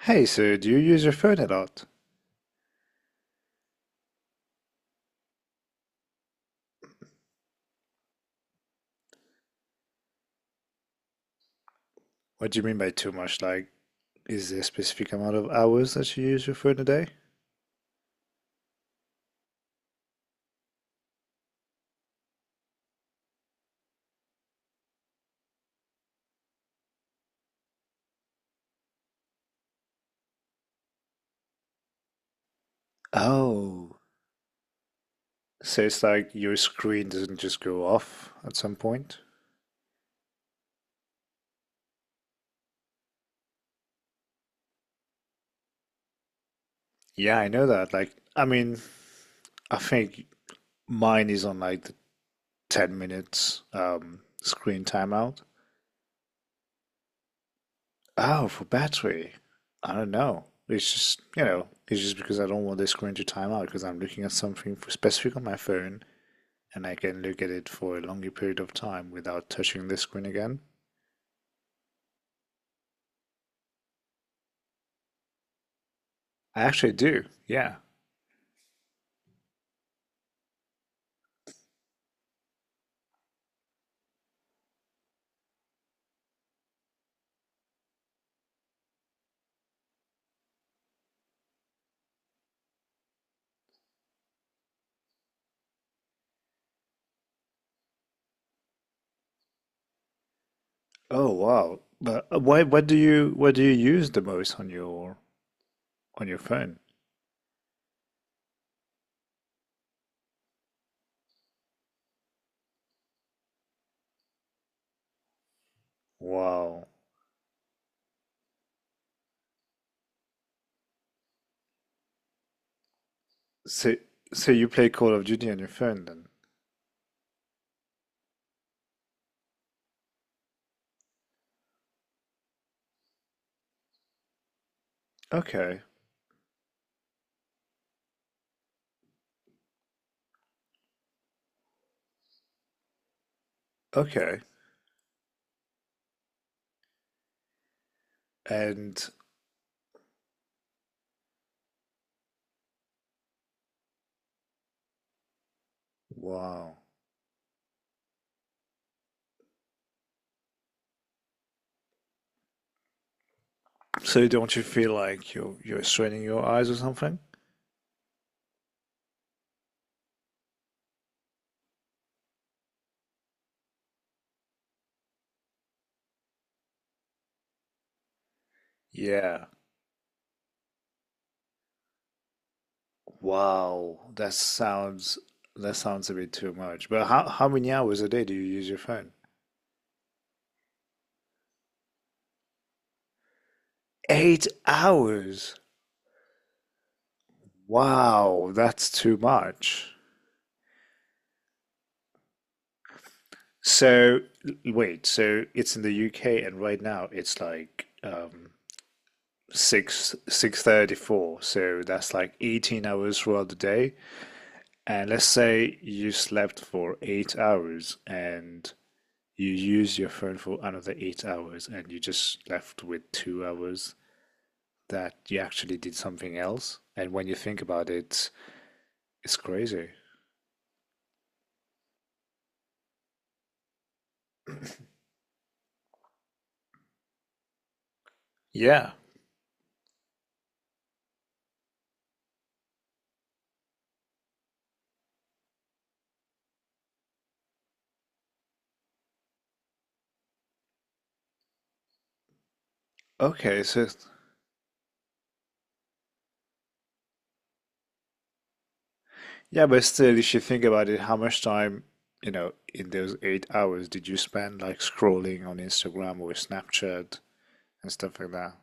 Hey, so do you use your phone a lot? What do you mean by too much? Like, is there a specific amount of hours that you use your phone a day? Oh, so it's like your screen doesn't just go off at some point? Yeah, I know that. Like, I mean, I think mine is on like the 10 minutes screen timeout. Oh, for battery. I don't know. It's just because I don't want the screen to time out because I'm looking at something for specific on my phone, and I can look at it for a longer period of time without touching the screen again. I actually do, yeah. Oh wow. But what do you use the most on your phone? Wow. So so you play Call of Duty on your phone then? Okay. Okay. And wow. So don't you feel like you're straining your eyes or something? Yeah. Wow. That sounds a bit too much. But how many hours a day do you use your phone? 8 hours? Wow, that's too much. So, wait, so it's in the UK and right now it's like um 6 6:34. So that's like 18 hours throughout the day. And let's say you slept for 8 hours and you use your phone for another 8 hours and you just left with 2 hours that you actually did something else. And when you think about it, it's crazy. Yeah. Okay, so, yeah, but still, if you think about it, how much time, in those 8 hours did you spend like scrolling on Instagram or Snapchat and stuff like that?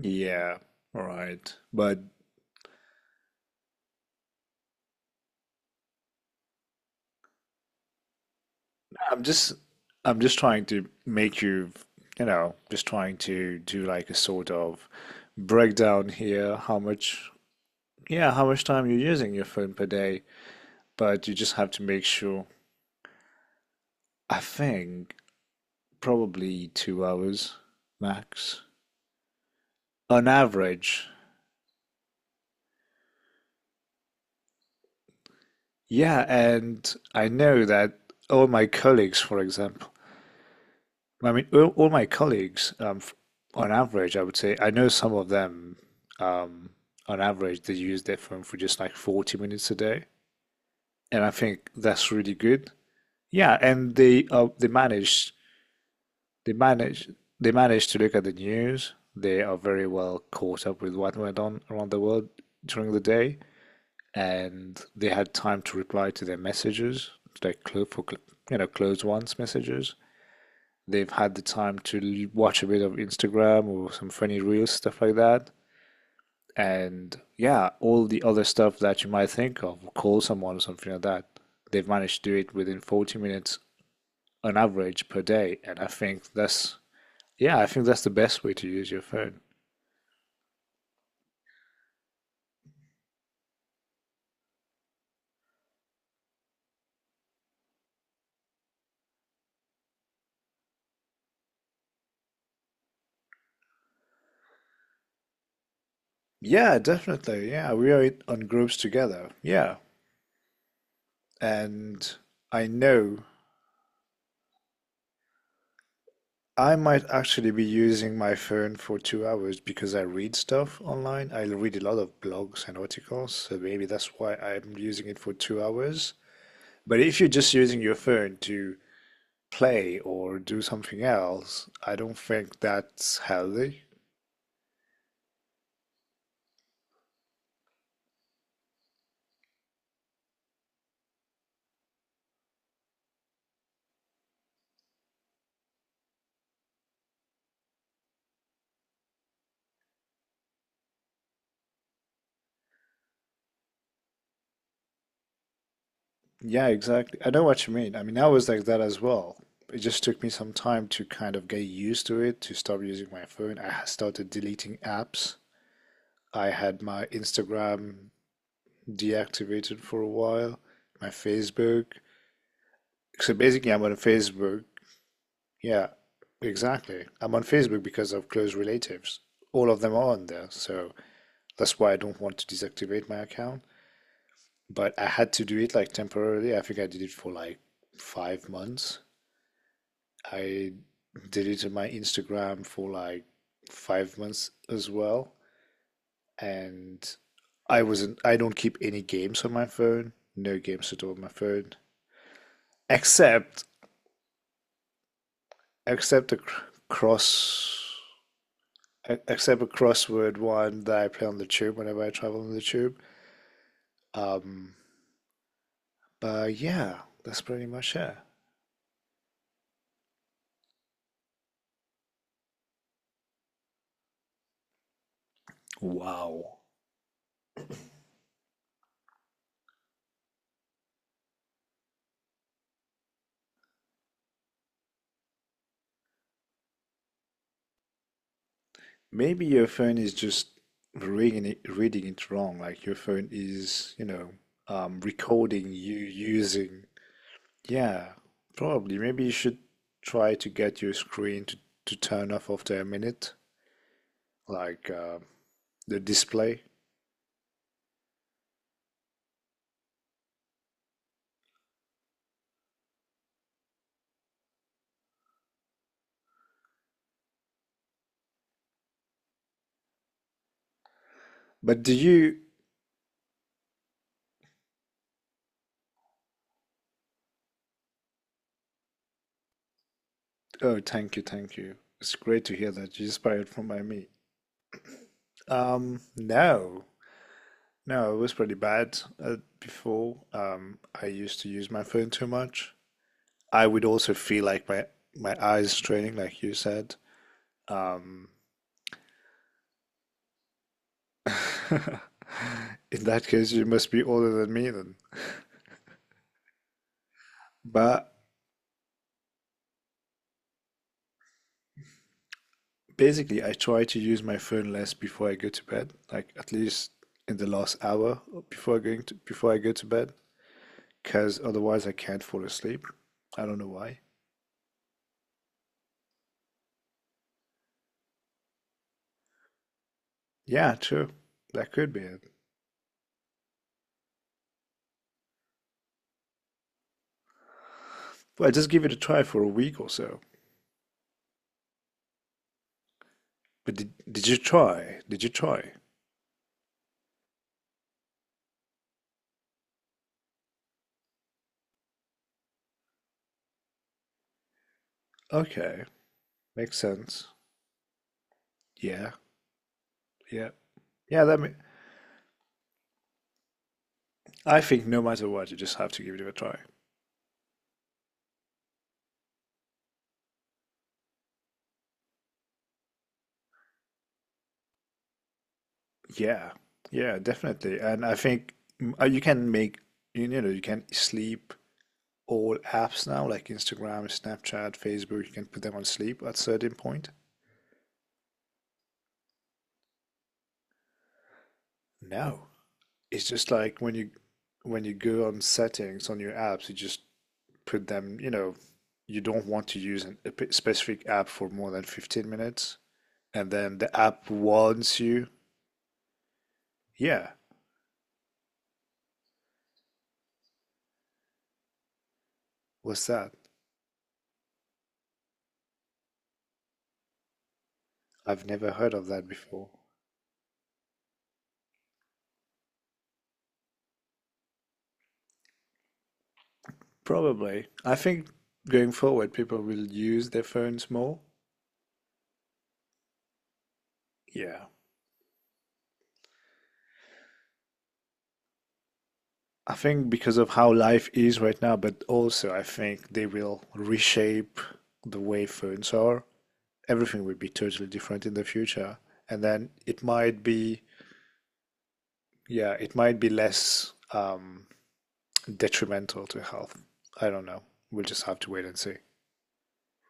Yeah, all right. But I'm just I'm just trying to make you, just trying to do like a sort of breakdown here, how much time you're using your phone per day, but you just have to make sure. I think probably 2 hours max on average. Yeah, and I know that all my colleagues, for example, I mean, all my colleagues, on average, I would say, I know some of them, um, on average, they use their phone for just like 40 minutes a day, and I think that's really good. Yeah, and they they manage they manage to look at the news. They are very well caught up with what went on around the world during the day. And they had time to reply to their messages, like close for you know closed ones messages. They've had the time to watch a bit of Instagram or some funny reels stuff like that, and yeah, all the other stuff that you might think of, call someone or something like that. They've managed to do it within 40 minutes on average per day, and I think that's, yeah, I think that's the best way to use your phone. Yeah, definitely. Yeah, we are on groups together. Yeah, and I know I might actually be using my phone for 2 hours because I read stuff online. I read a lot of blogs and articles, so maybe that's why I'm using it for 2 hours. But if you're just using your phone to play or do something else, I don't think that's healthy. Yeah, exactly. I know what you mean. I mean, I was like that as well. It just took me some time to kind of get used to it, to stop using my phone. I started deleting apps. I had my Instagram deactivated for a while. My Facebook. So basically, I'm on Facebook. Yeah, exactly. I'm on Facebook because of close relatives. All of them are on there. So that's why I don't want to deactivate my account. But I had to do it like temporarily. I think I did it for like 5 months. I deleted my Instagram for like 5 months as well. And I wasn't, I don't keep any games on my phone. No games at all on my phone. Except Except cross, a crossword one that I play on the tube whenever I travel on the tube. Um, but yeah, that's pretty much it. Wow. Maybe your phone is just reading it wrong. Like your phone is, recording you using. Yeah, probably. Maybe you should try to get your screen to turn off after a minute, like the display. But do you Oh, thank you, thank you. It's great to hear that you're inspired from by me. No, no, it was pretty bad before. I used to use my phone too much. I would also feel like my eyes straining, like you said. Um, in that case, you must be older than me then. But basically, I try to use my phone less before I go to bed, like at least in the last hour before I go to bed, because otherwise I can't fall asleep. I don't know why. Yeah, true. That could be it. Well, just give it a try for a week or so. But did you try? Did you try? Okay, makes sense. Yeah, yeah. Yeah, I think no matter what, you just have to give it a try. Yeah. Yeah, definitely. And I think you can make you know, you can sleep all apps now like Instagram, Snapchat, Facebook, you can put them on sleep at certain point. No. It's just like when you go on settings on your apps, you just put them, you don't want to use a specific app for more than 15 minutes, and then the app warns you. Yeah, what's that? I've never heard of that before. Probably. I think going forward, people will use their phones more. Yeah. I think because of how life is right now, but also I think they will reshape the way phones are. Everything will be totally different in the future. And then it might be, yeah, it might be less detrimental to health. I don't know. We'll just have to wait and see.